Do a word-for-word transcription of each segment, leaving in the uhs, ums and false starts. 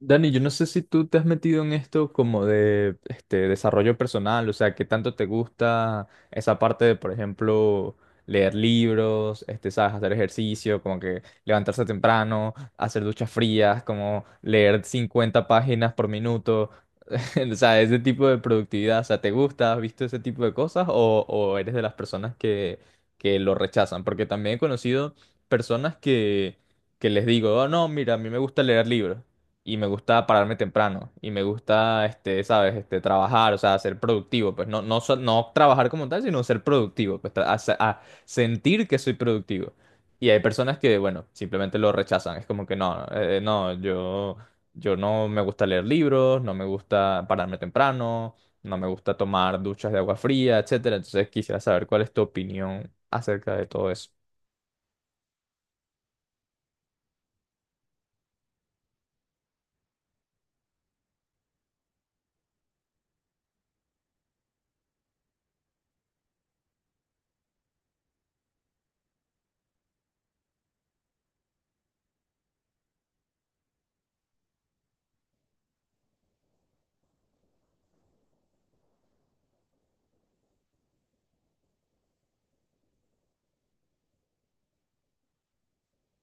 Dani, yo no sé si tú te has metido en esto como de este desarrollo personal, o sea, qué tanto te gusta esa parte de, por ejemplo, leer libros, este, sabes, hacer ejercicio, como que levantarse temprano, hacer duchas frías, como leer cincuenta páginas por minuto. O sea, ese tipo de productividad, o sea, ¿te gusta? ¿Has visto ese tipo de cosas? ¿O, o eres de las personas que, que lo rechazan? Porque también he conocido personas que, que les digo, oh, no, mira, a mí me gusta leer libros y me gusta pararme temprano y me gusta, este, ¿sabes? Este, trabajar, o sea, ser productivo, pues no, no, so- no trabajar como tal, sino ser productivo, pues tra- a se- a sentir que soy productivo. Y hay personas que, bueno, simplemente lo rechazan. Es como que no, eh, no, yo. Yo no me gusta leer libros, no me gusta pararme temprano, no me gusta tomar duchas de agua fría, etcétera. Entonces quisiera saber cuál es tu opinión acerca de todo eso.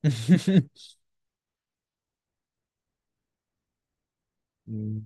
Mm.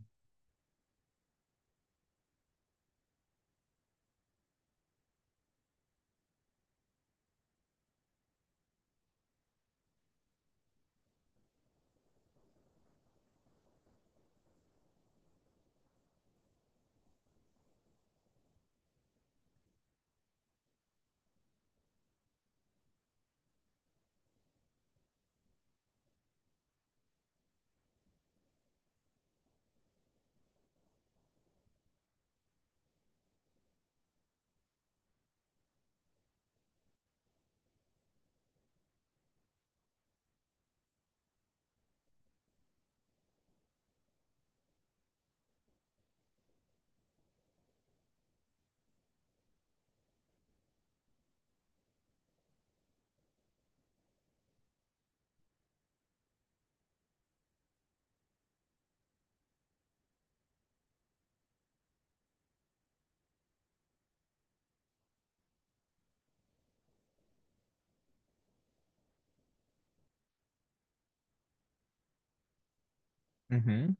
Ujú.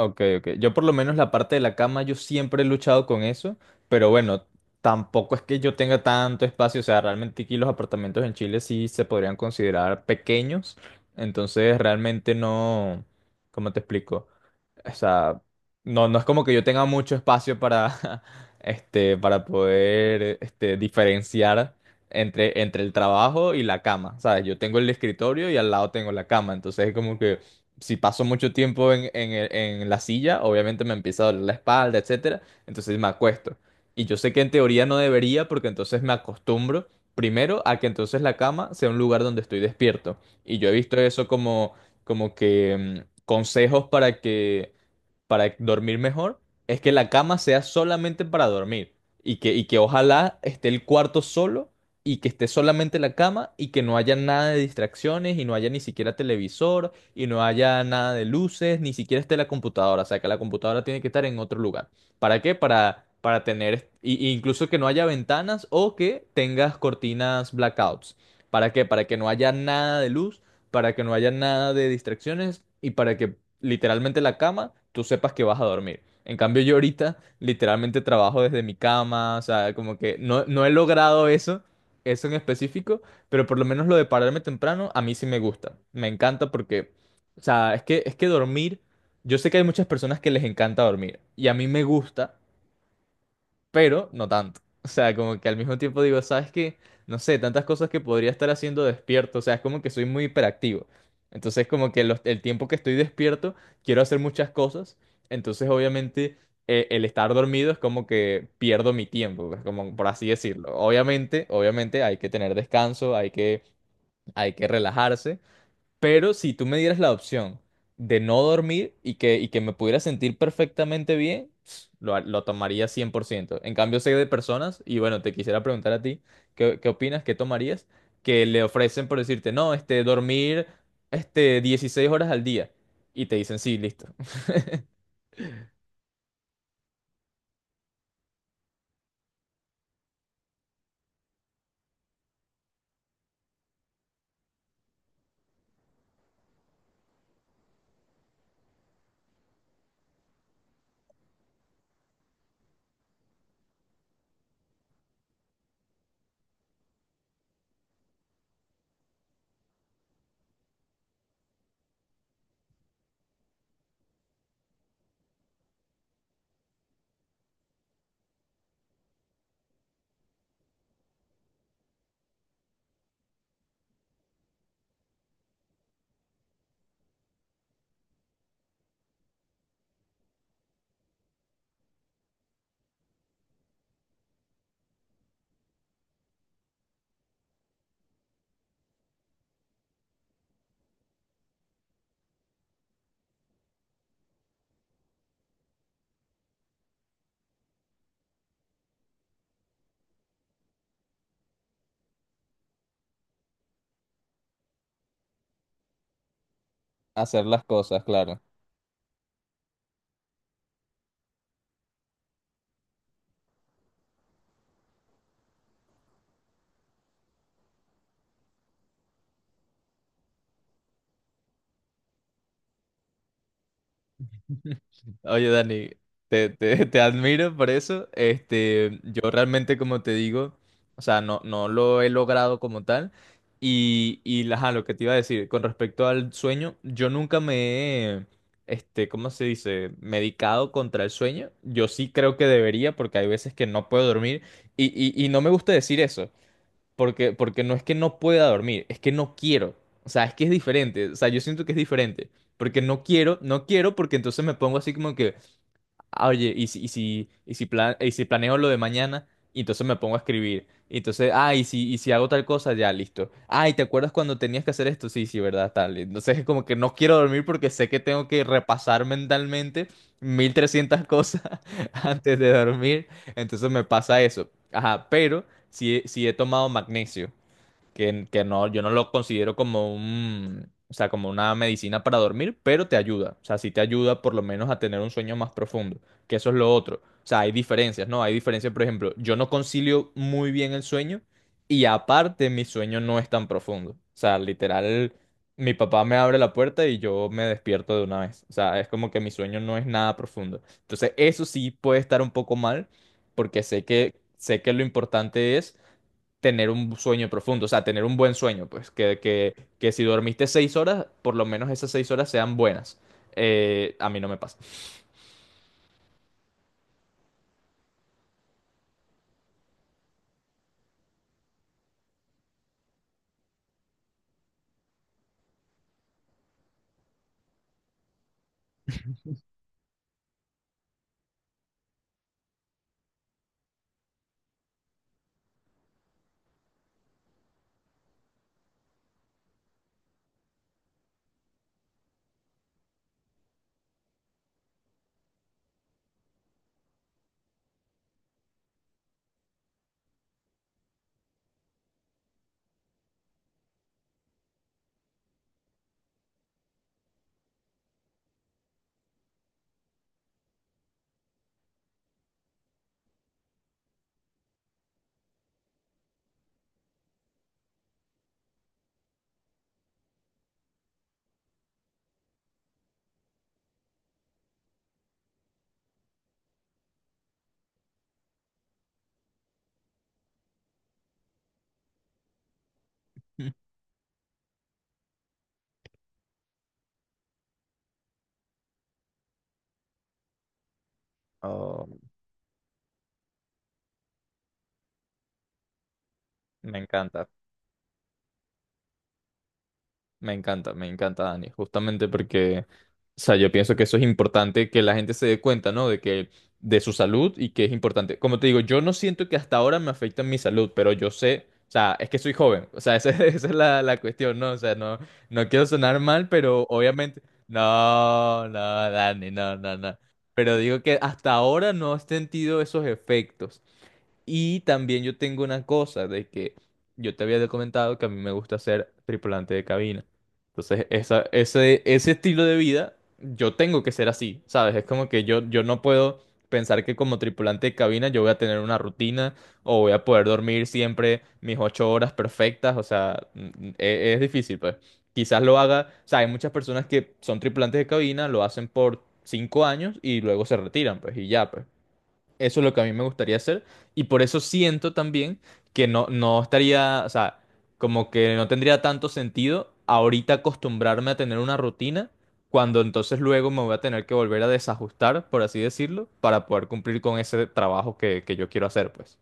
Ok, ok. Yo por lo menos la parte de la cama, yo siempre he luchado con eso, pero bueno, tampoco es que yo tenga tanto espacio, o sea, realmente aquí los apartamentos en Chile sí se podrían considerar pequeños, entonces realmente no, ¿cómo te explico? O sea, no, no es como que yo tenga mucho espacio para, este, para poder, este, diferenciar entre, entre el trabajo y la cama, ¿sabes? Yo tengo el escritorio y al lado tengo la cama, entonces es como que si paso mucho tiempo en, en el- en la silla, obviamente me empieza a doler la espalda, etcétera, entonces me acuesto. Y yo sé que en teoría no debería, porque entonces me acostumbro primero a que entonces la cama sea un lugar donde estoy despierto. Y yo he visto eso como, como que mm, consejos para que para dormir mejor es que la cama sea solamente para dormir y que, y que ojalá esté el cuarto solo y que esté solamente la cama y que no haya nada de distracciones y no haya ni siquiera televisor y no haya nada de luces, ni siquiera esté la computadora, o sea que la computadora tiene que estar en otro lugar. ¿Para qué? Para, para tener, est- y- y incluso que no haya ventanas o que tengas cortinas blackouts. ¿Para qué? Para que no haya nada de luz, para que no haya nada de distracciones y para que literalmente la cama, tú sepas que vas a dormir. En cambio, yo ahorita literalmente trabajo desde mi cama, o sea, como que no, no he logrado eso, eso en específico, pero por lo menos lo de pararme temprano, a mí sí me gusta. Me encanta porque, o sea, es que, es que dormir, yo sé que hay muchas personas que les encanta dormir, y a mí me gusta pero no tanto. O sea, como que al mismo tiempo digo, ¿sabes qué? No sé, tantas cosas que podría estar haciendo despierto, o sea, es como que soy muy hiperactivo. Entonces, como que los- el tiempo que estoy despierto, quiero hacer muchas cosas, entonces obviamente eh, el estar dormido es como que pierdo mi tiempo, pues, como por así decirlo. Obviamente, obviamente hay que tener descanso, hay que, hay que relajarse, pero si tú me dieras la opción de no dormir y que, y que me pudiera sentir perfectamente bien, ps, lo, ha- lo tomaría cien por ciento. En cambio, sé de personas, y bueno, te quisiera preguntar a ti, ¿qué, qué opinas? ¿Qué tomarías? Que le ofrecen por decirte, no, este, dormir, este, dieciséis horas al día. Y te dicen, sí, listo. Hacer las cosas, claro. Oye, Dani, te, te- te admiro por eso. Este, yo realmente, como te digo, o sea, no, no lo he logrado como tal. Y, y ajá, lo que te iba a decir, con respecto al sueño, yo nunca me he, este, ¿cómo se dice? Medicado contra el sueño. Yo sí creo que debería, porque hay veces que no puedo dormir. Y, y, y no me gusta decir eso, porque, porque no es que no pueda dormir, es que no quiero. O sea, es que es diferente. O sea, yo siento que es diferente. Porque no quiero, no quiero, porque entonces me pongo así como que. Ah, oye, y si, y si, y si, pla- y si planeo lo de mañana, y entonces me pongo a escribir. Y entonces, ah, y si, y si hago tal cosa, ya, listo. Ah, ¿y te acuerdas cuando tenías que hacer esto? Sí, sí, ¿verdad? Tal. Entonces es como que no quiero dormir porque sé que tengo que repasar mentalmente mil trescientas cosas antes de dormir. Entonces me pasa eso. Ajá, pero si, he- si he tomado magnesio que, que no, yo no lo considero como un, o sea, como una medicina para dormir, pero te ayuda. O sea, sí te ayuda por lo menos a tener un sueño más profundo, que eso es lo otro. O sea, hay diferencias, ¿no? Hay diferencias, por ejemplo, yo no concilio muy bien el sueño y aparte mi sueño no es tan profundo. O sea, literal, mi papá me abre la puerta y yo me despierto de una vez. O sea, es como que mi sueño no es nada profundo. Entonces, eso sí puede estar un poco mal porque sé que, sé que lo importante es tener un sueño profundo, o sea, tener un buen sueño, pues, que, que, que si dormiste seis horas, por lo menos esas seis horas sean buenas. Eh, a mí no me pasa. Oh, me encanta. Me encanta, me encanta, Dani, justamente porque, o sea, yo pienso que eso es importante que la gente se dé cuenta, ¿no? De que, de su salud y que es importante. Como te digo, yo no siento que hasta ahora me afecta en mi salud, pero yo sé, o sea, es que soy joven, o sea, esa, esa es la, la, cuestión, ¿no? O sea, no, no quiero sonar mal, pero obviamente, no, no, Dani, no, no, no. Pero digo que hasta ahora no he sentido esos efectos, y también yo tengo una cosa de que yo te había comentado que a mí me gusta ser tripulante de cabina. Entonces, esa, ese, ese estilo de vida, yo tengo que ser así, ¿sabes? Es como que yo, yo no puedo pensar que como tripulante de cabina yo voy a tener una rutina o voy a poder dormir siempre mis ocho horas perfectas. O sea, mm, e- es, difícil, pues. Quizás lo haga, o sea, hay muchas personas que son tripulantes de cabina, lo hacen por cinco años y luego se retiran, pues, y ya, pues. Eso es lo que a mí me gustaría hacer y por eso siento también que no, no estaría, o sea, como que no tendría tanto sentido ahorita acostumbrarme a tener una rutina cuando entonces luego me voy a tener que volver a desajustar, por así decirlo, para poder cumplir con ese trabajo que, que yo quiero hacer, pues.